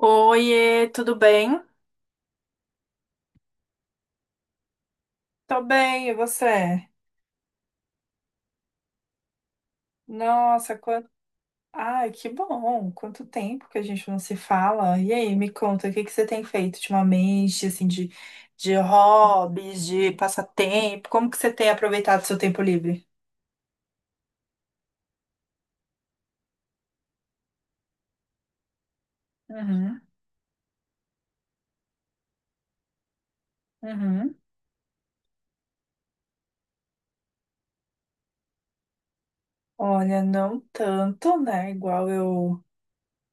Oiê, tudo bem? Tô bem, e você? Nossa, quanto... Ai, que bom! Quanto tempo que a gente não se fala. E aí, me conta, o que você tem feito ultimamente, assim, de hobbies, de passatempo? Como que você tem aproveitado seu tempo livre? Uhum, uhum. Olha, não tanto, né? Igual eu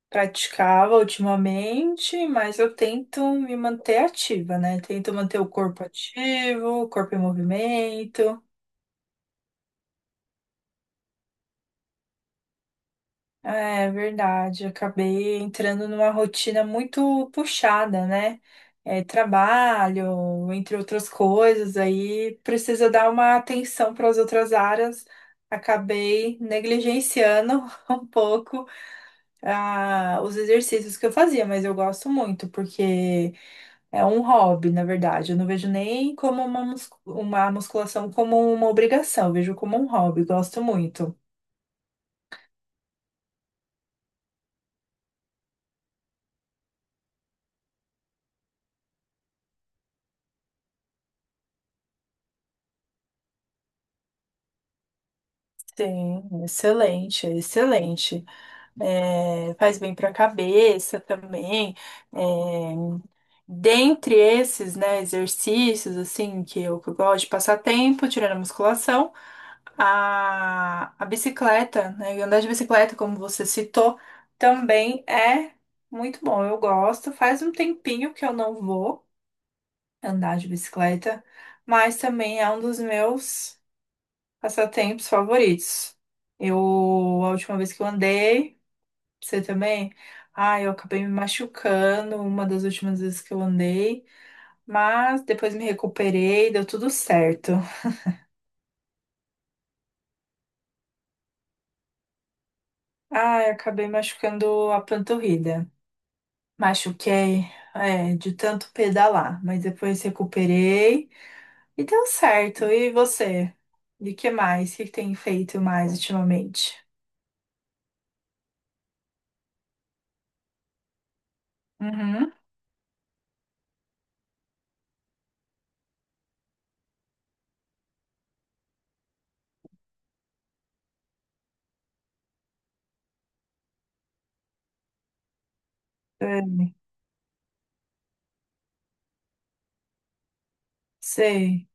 praticava ultimamente, mas eu tento me manter ativa, né? Tento manter o corpo ativo, o corpo em movimento. É verdade, acabei entrando numa rotina muito puxada, né? É, trabalho, entre outras coisas, aí precisa dar uma atenção para as outras áreas. Acabei negligenciando um pouco os exercícios que eu fazia, mas eu gosto muito, porque é um hobby, na verdade. Eu não vejo nem como uma, uma musculação como uma obrigação, eu vejo como um hobby, gosto muito. Sim, excelente, excelente. É, faz bem para a cabeça também. É, dentre esses, né, exercícios assim que eu gosto de passar tempo, tirando a musculação, a bicicleta, né, e andar de bicicleta, como você citou, também é muito bom. Eu gosto. Faz um tempinho que eu não vou andar de bicicleta, mas também é um dos meus passatempos favoritos. Eu, a última vez que eu andei, você também? Ah, eu acabei me machucando uma das últimas vezes que eu andei, mas depois me recuperei, deu tudo certo. Ah, eu acabei machucando a panturrilha. Machuquei, é, de tanto pedalar, mas depois recuperei e deu certo. E você? E que mais? O que tem feito mais ultimamente? Uhum. Sei. Sei.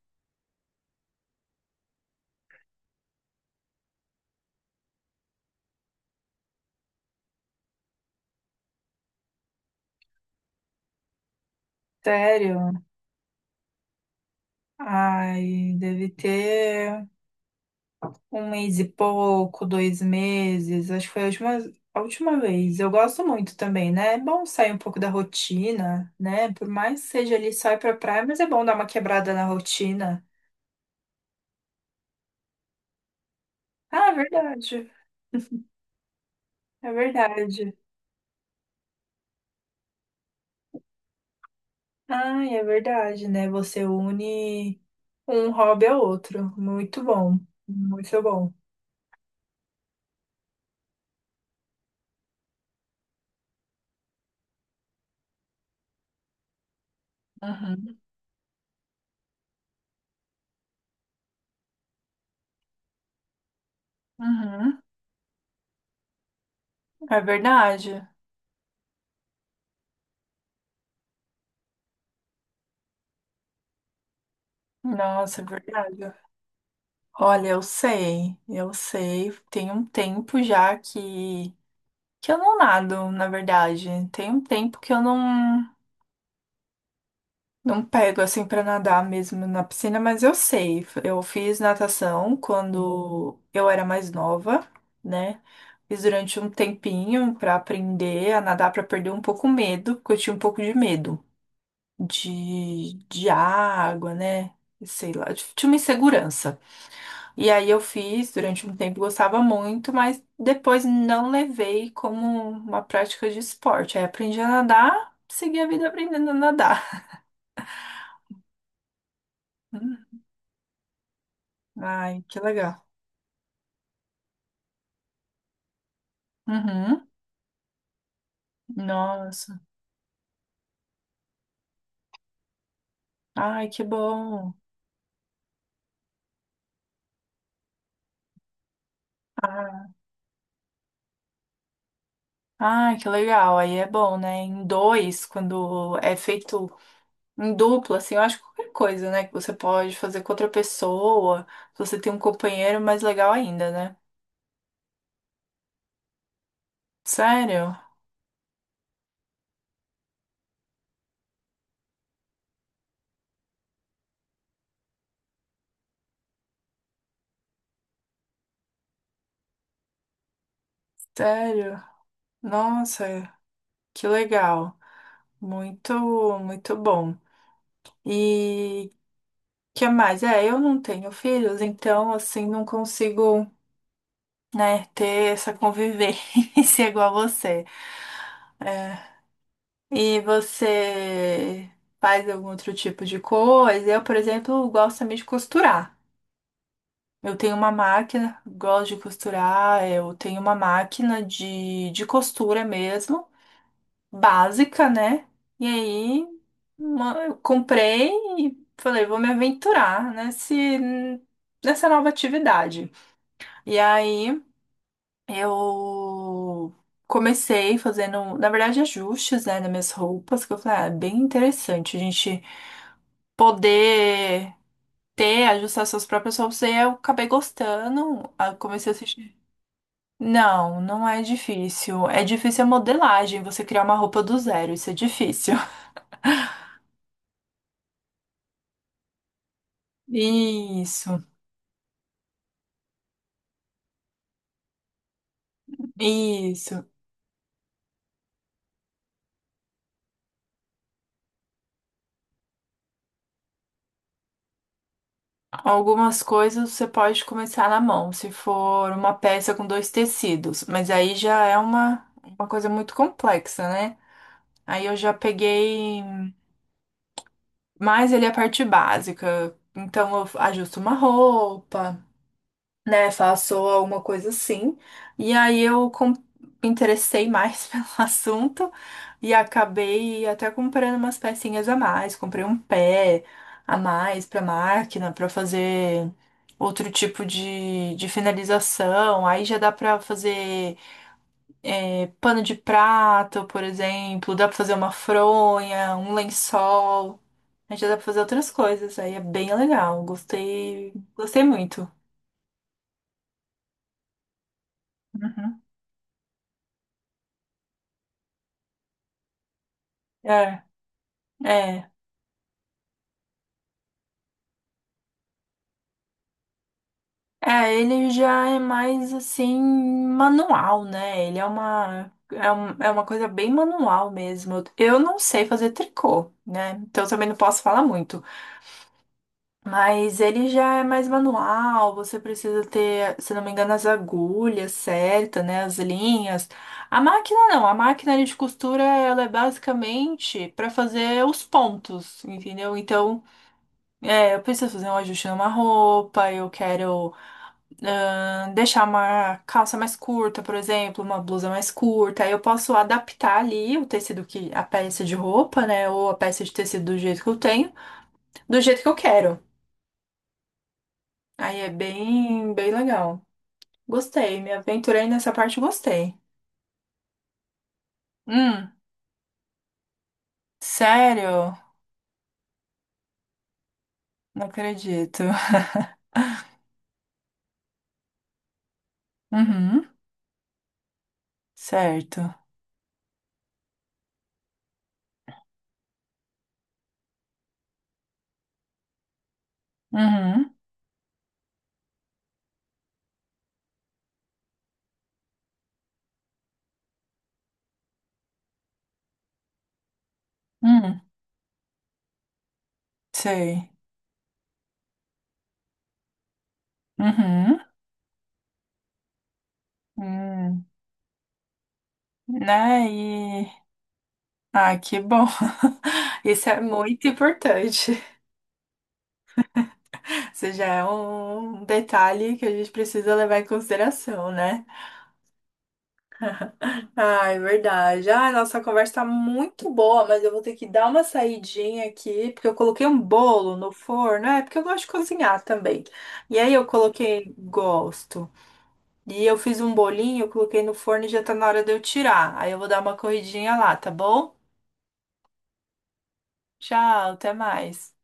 Sério? Ai, deve ter. Um mês e pouco, dois meses, acho que foi a última vez. Eu gosto muito também, né? É bom sair um pouco da rotina, né? Por mais que seja ali só ir pra praia, mas é bom dar uma quebrada na rotina. Ah, é verdade. É verdade. Ai, é verdade, né? Você une um hobby ao outro. Muito bom. Muito bom. Uhum. Uhum. É verdade. Nossa, é verdade. Olha, eu sei, eu sei. Tem um tempo já que eu não nado, na verdade. Tem um tempo que eu não, não pego assim pra nadar mesmo na piscina, mas eu sei. Eu fiz natação quando eu era mais nova, né? Fiz durante um tempinho pra aprender a nadar, pra perder um pouco o medo, porque eu tinha um pouco de medo de água, né? Sei lá, tinha uma insegurança. E aí eu fiz durante um tempo, gostava muito, mas depois não levei como uma prática de esporte. Aí aprendi a nadar, segui a vida aprendendo a nadar. Hum. Ai, que legal. Uhum. Nossa. Ai, que bom. Ah, ai, que legal. Aí é bom, né? Em dois, quando é feito em dupla, assim, eu acho que qualquer coisa, né? Que você pode fazer com outra pessoa. Se você tem um companheiro, é mais legal ainda, né? Sério? Sério? Nossa. Que legal. Muito, muito bom. E que mais? É, eu não tenho filhos, então assim não consigo, né, ter essa convivência igual você. É. E você faz algum outro tipo de coisa? Eu, por exemplo, gosto também de costurar. Eu tenho uma máquina, gosto de costurar, eu tenho uma máquina de costura mesmo. Básica, né? E aí eu comprei e falei, vou me aventurar nesse, nessa nova atividade. E aí eu comecei fazendo, na verdade, ajustes, né, nas minhas roupas, que eu falei, ah, é bem interessante a gente poder ter, ajustar suas próprias roupas. E aí eu acabei gostando, aí eu comecei a assistir. Não, não é difícil. É difícil a modelagem, você criar uma roupa do zero, isso é difícil. Isso. Isso. Algumas coisas você pode começar na mão, se for uma peça com dois tecidos, mas aí já é uma coisa muito complexa, né? Aí eu já peguei mais ali a parte básica. Então eu ajusto uma roupa, né? Faço alguma coisa assim. E aí eu me interessei mais pelo assunto e acabei até comprando umas pecinhas a mais. Comprei um pé a mais pra máquina pra fazer outro tipo de finalização. Aí já dá pra fazer é, pano de prato, por exemplo. Dá pra fazer uma fronha, um lençol. Aí já dá pra fazer outras coisas, aí é bem legal. Gostei, gostei muito. Uhum. É, é. É, ele já é mais assim, manual, né? Ele é uma, é uma coisa bem manual mesmo. Eu não sei fazer tricô, né? Então eu também não posso falar muito. Mas ele já é mais manual, você precisa ter, se não me engano, as agulhas certas, né? As linhas. A máquina não, a máquina ali de costura, ela é basicamente para fazer os pontos, entendeu? Então, é, eu preciso fazer um ajuste numa roupa, eu quero deixar uma calça mais curta, por exemplo, uma blusa mais curta. Aí eu posso adaptar ali o tecido que, a peça de roupa, né? Ou a peça de tecido do jeito que eu tenho, do jeito que eu quero. Aí é bem, bem legal. Gostei, me aventurei nessa parte, e gostei. Hum, sério? Não acredito. Uhum, certo. Uhum, uhum, sei. Uhum, hum, né? E. Ah, que bom. Isso é muito importante. Isso já é um detalhe que a gente precisa levar em consideração, né? Ah, é verdade. Ah, nossa, a conversa tá muito boa, mas eu vou ter que dar uma saidinha aqui, porque eu coloquei um bolo no forno, é porque eu gosto de cozinhar também. E aí eu coloquei, gosto. E eu fiz um bolinho, eu coloquei no forno e já tá na hora de eu tirar. Aí eu vou dar uma corridinha lá, tá bom? Tchau, até mais.